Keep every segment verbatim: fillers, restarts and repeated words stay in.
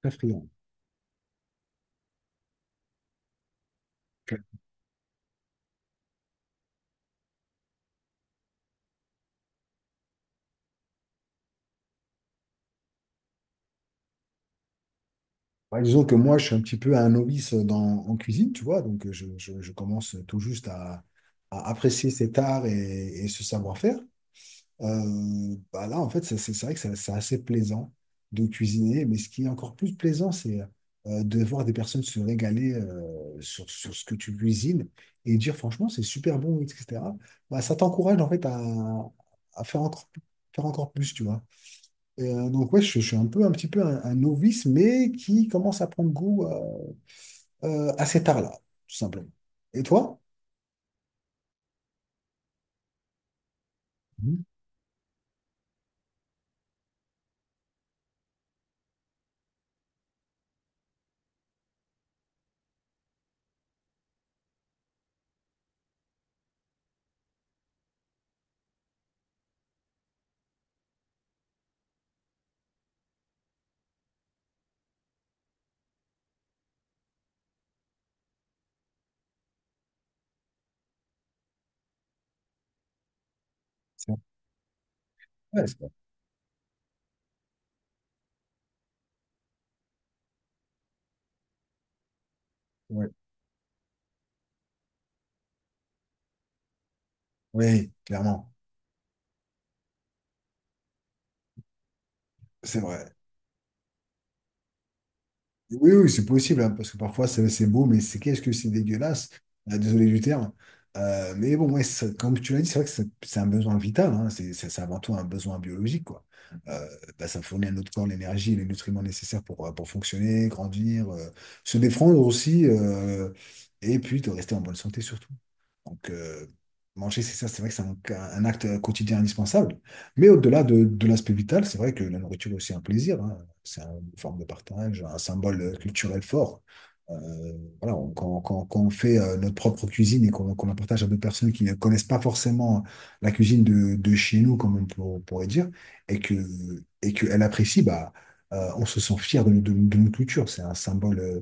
Très friand. Ok. Ouais, disons que moi, je suis un petit peu un novice dans, en cuisine, tu vois, donc je, je- je commence tout juste à, à apprécier cet art et, et ce savoir-faire. Euh, bah là, en fait, c'est c'est- c'est vrai que c'est c'est assez plaisant de cuisiner, mais ce qui est encore plus plaisant, c'est euh, de voir des personnes se régaler euh, sur, sur ce que tu cuisines et dire franchement, c'est super bon, et cetera. Bah, ça t'encourage en fait à, à faire encore, plus- faire encore plus, tu vois. Et, euh, donc ouais, je, je suis un peu, un petit peu un, un novice, mais qui commence à prendre goût euh, euh, assez tard là, tout simplement. Et toi? Mhm. C'est vrai, ouais, c'est vrai. Ouais. Oui, clairement, c'est vrai. Oui, oui, c'est possible, hein, parce que parfois c'est c'est beau, mais c'est qu'est-ce que c'est dégueulasse. Euh, désolé du terme. Euh, mais bon, ouais, ça- comme tu l'as dit, c'est vrai que c'est c'est un besoin vital, hein, c'est c'est- c'est avant tout un besoin biologique, quoi. Euh, bah, ça fournit à notre corps l'énergie et les nutriments nécessaires pour, euh, pour fonctionner, grandir, euh, se défendre aussi, euh, et puis de rester en bonne santé surtout. Donc, euh, manger, c'est ça, c'est vrai que c'est un, un acte quotidien indispensable. Mais au-delà de, de l'aspect vital, c'est vrai que la nourriture est aussi un plaisir, hein. C'est une forme de partage, un symbole euh, culturel fort. Euh, voilà, on- quand, quand- quand on fait euh, notre propre cuisine et qu'on qu'on la partage à d'autres personnes qui ne connaissent pas forcément la cuisine de, de chez nous, comme on pour- pourrait dire, et que, et qu'elle apprécie, bah, euh, on se sent fier de, de, de notre culture. C'est un symbole, euh,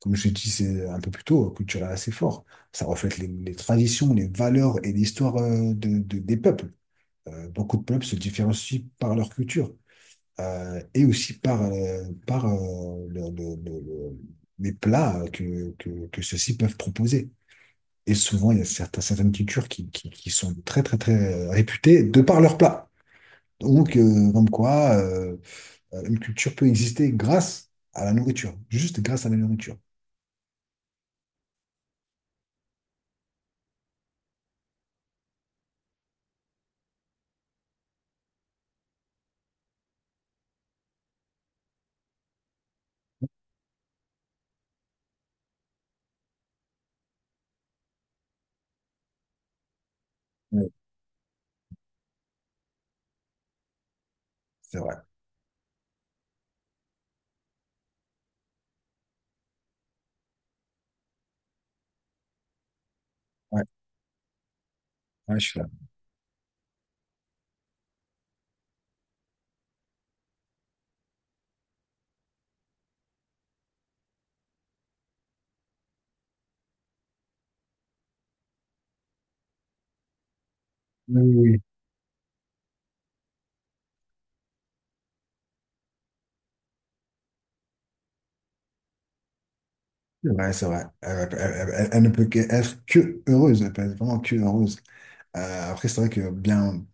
comme je l'ai dit c'est un peu plus tôt, culturel assez fort. Ça reflète les, les traditions, les valeurs et l'histoire euh, de, de- des peuples. Euh, beaucoup de peuples se différencient par leur culture euh, et aussi par, euh, par euh, le- le- le- le- les plats que, que, que ceux-ci peuvent proposer. Et souvent, il y a certains- certaines cultures qui, qui, qui sont très, très, très euh, réputées de par leurs plats. Donc, euh, comme quoi, euh, une culture peut exister grâce à la nourriture, juste grâce à la nourriture. Oui, c'est vrai. Ouais, ouais, je suis Oui, oui, oui. C'est vrai, c'est vrai. Elle, elle- elle- elle elle ne peut que- être que heureuse, elle peut être vraiment que heureuse. Euh, après, c'est vrai que bien,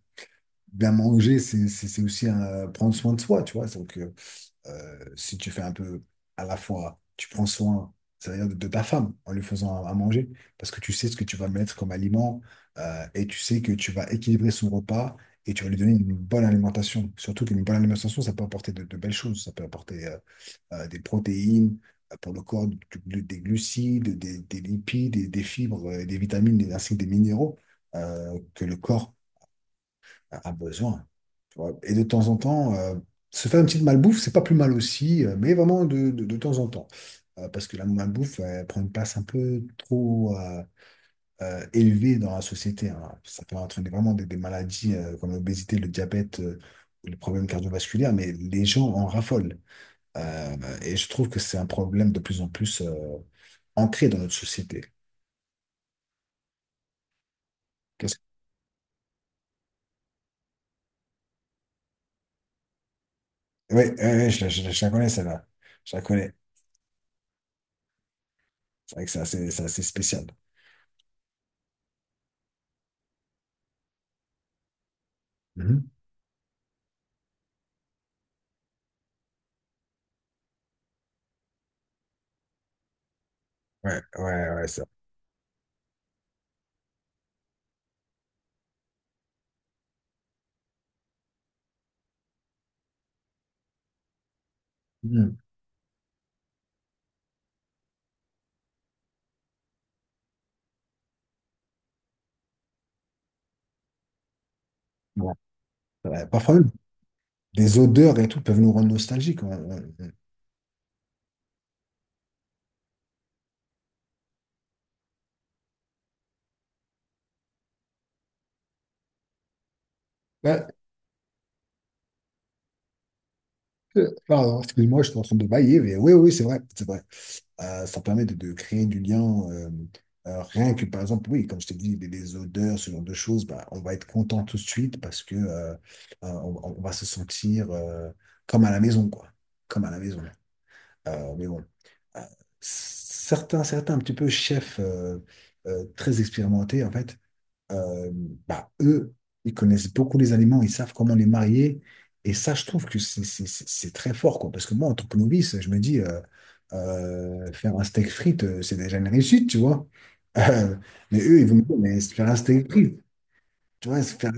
bien manger, c'est c'est- c'est aussi euh, prendre soin de soi, tu vois. Donc, euh, euh, si tu fais un peu à la fois, tu prends soin, c'est-à-dire de, de ta femme en lui faisant à, à manger, parce que tu sais ce que tu vas mettre comme aliment euh, et tu sais que tu vas équilibrer son repas et tu vas lui donner une bonne alimentation. Surtout qu'une bonne alimentation, ça peut apporter de, de belles choses. Ça peut apporter euh, euh, des protéines euh, pour le corps, du- du- des glucides, des, des lipides, et des fibres, euh, des vitamines, et ainsi que des minéraux euh, que le corps a a besoin, tu vois. Et de temps en temps, euh, se faire une petite malbouffe, c'est pas plus mal aussi, euh, mais vraiment de, de, de temps en temps. Euh, parce que la malbouffe, elle prend une place un peu trop euh, euh, élevée dans la société, hein. Ça peut entraîner vraiment des, des maladies euh, comme l'obésité, le diabète, euh, ou les problèmes cardiovasculaires, mais les gens en raffolent. Euh, et je trouve que c'est un problème de plus en plus euh, ancré dans notre société. Qu'est-ce que- Oui, oui, oui, je, la je la- je la connais, celle-là. Je la connais. C'est vrai que c'est assez, c'est assez spécial. Mhm. Ouais, ouais, ouais, ça. Mhm. Bon. Ouais, parfois, même, des odeurs et tout peuvent nous rendre nostalgiques. On- on- on- Ouais. Euh, Pardon, excuse-moi, je suis en train de bailler, mais oui, oui, c'est vrai, c'est vrai. Euh, ça permet de, de créer du lien, euh, euh, rien que, par exemple, oui, comme je t'ai dit, les, les odeurs, ce genre de choses, bah, on va être content tout de suite parce que, euh, euh, on, on va se sentir, euh, comme à la maison, quoi. Comme à la maison. Euh, mais bon, Euh, certains, certains un petit peu chefs euh, euh, très expérimentés, en fait, euh, bah, eux, ils connaissent beaucoup les aliments, ils savent comment les marier. Et ça, je trouve que c'est c'est- c'est- c'est très fort, quoi. Parce que moi, en tant que novice, je me dis, euh, euh, faire un steak frites, euh, c'est déjà une réussite, tu vois. Euh, mais eux, ils vont me dire, mais faire un steak frites, tu vois, faire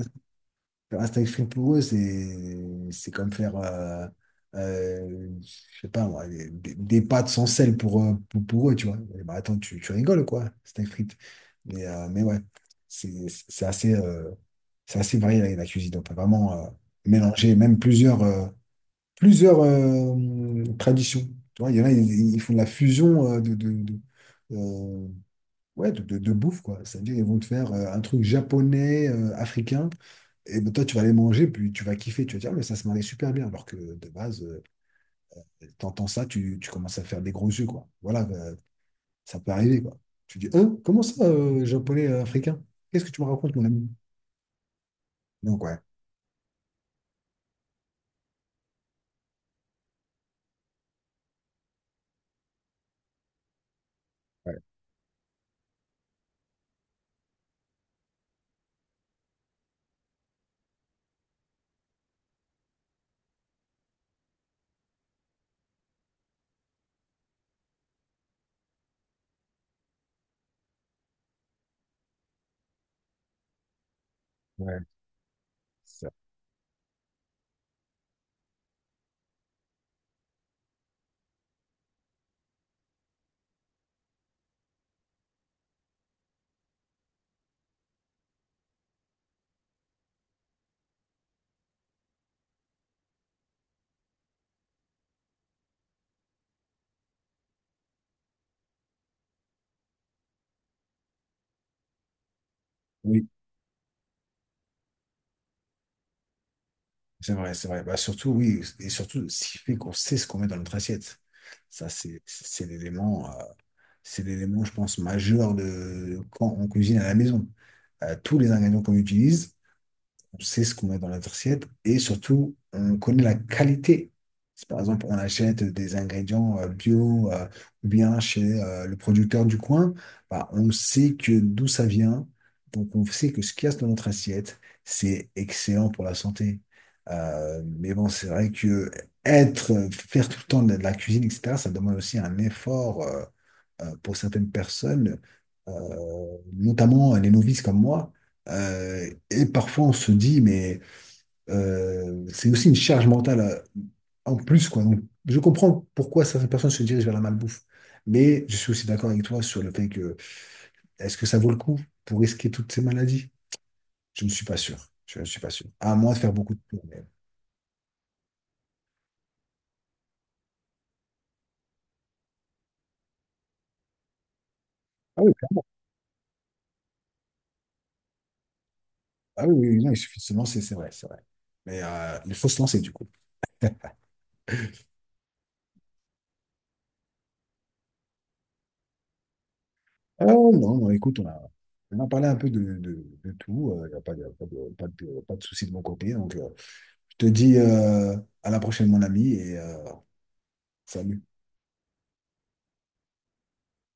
Faire un steak frites pour eux, c'est c'est comme faire, euh, euh, je sais pas moi, des, des- des pâtes sans sel pour, euh, pour, pour eux, tu vois. Eh ben, attends, tu, tu rigoles, quoi, steak frites. Mais, euh, mais ouais, c'est c'est assez, euh, c'est assez varié la la cuisine. On peut vraiment euh, mélanger même plusieurs, euh, plusieurs euh, traditions. Tu vois, il y en a, ils, ils font de la fusion euh, de, de, de- euh, ouais, de, de- de bouffe, quoi. C'est-à-dire, ils vont te faire euh, un truc japonais, euh, africain. Et ben, toi, tu vas les manger, puis tu vas kiffer, tu vas dire, ah, mais ça se mariait super bien. Alors que de base, euh, t'entends ça, tu, tu commences à faire des gros yeux, quoi. Voilà, euh, ça peut arriver, quoi. Tu dis, hein, comment ça, euh, japonais, euh, africain? Qu'est-ce que tu me racontes, mon ami? Donc, ouais, ouais, ouais, ça. Oui, c'est vrai, c'est vrai. Bah, surtout, oui, et surtout, ce qui fait qu'on sait ce qu'on met dans notre assiette. Ça, c'est c'est l'élément, euh, c'est l'élément, je pense, majeur de quand on cuisine à la maison. Euh, tous les ingrédients qu'on utilise, on sait ce qu'on met dans la assiette et surtout, on connaît la qualité. Si par exemple, on achète des ingrédients euh, bio euh, ou bien chez euh, le producteur du coin, bah, on sait que d'où ça vient. Donc, on sait que ce qu'il y a dans notre assiette, c'est excellent pour la santé. Euh, mais bon, c'est vrai que être, faire tout le temps de la cuisine, et cetera, ça demande aussi un effort euh, euh, pour certaines personnes, euh, notamment les novices comme moi euh, et parfois, on se dit, mais euh, c'est aussi une charge mentale euh, en plus, quoi. Donc, je comprends pourquoi certaines personnes se dirigent vers la malbouffe, mais je suis aussi d'accord avec toi sur le fait que est-ce que ça vaut le coup pour risquer toutes ces maladies? Je ne suis pas sûr. Je ne suis pas sûr. À moins de faire beaucoup de tours, mais- Ah oui, ah oui, oui, oui, non, il suffit de se lancer, c'est vrai, c'est vrai. Mais euh, il faut se lancer, du coup. Oh non, non, écoute, on a, on a parlé un peu de, de, de tout. Il n'y a pas de, pas de, pas de, pas de souci de mon côté. Donc, euh, je te dis euh, à la prochaine, mon ami, et euh, salut.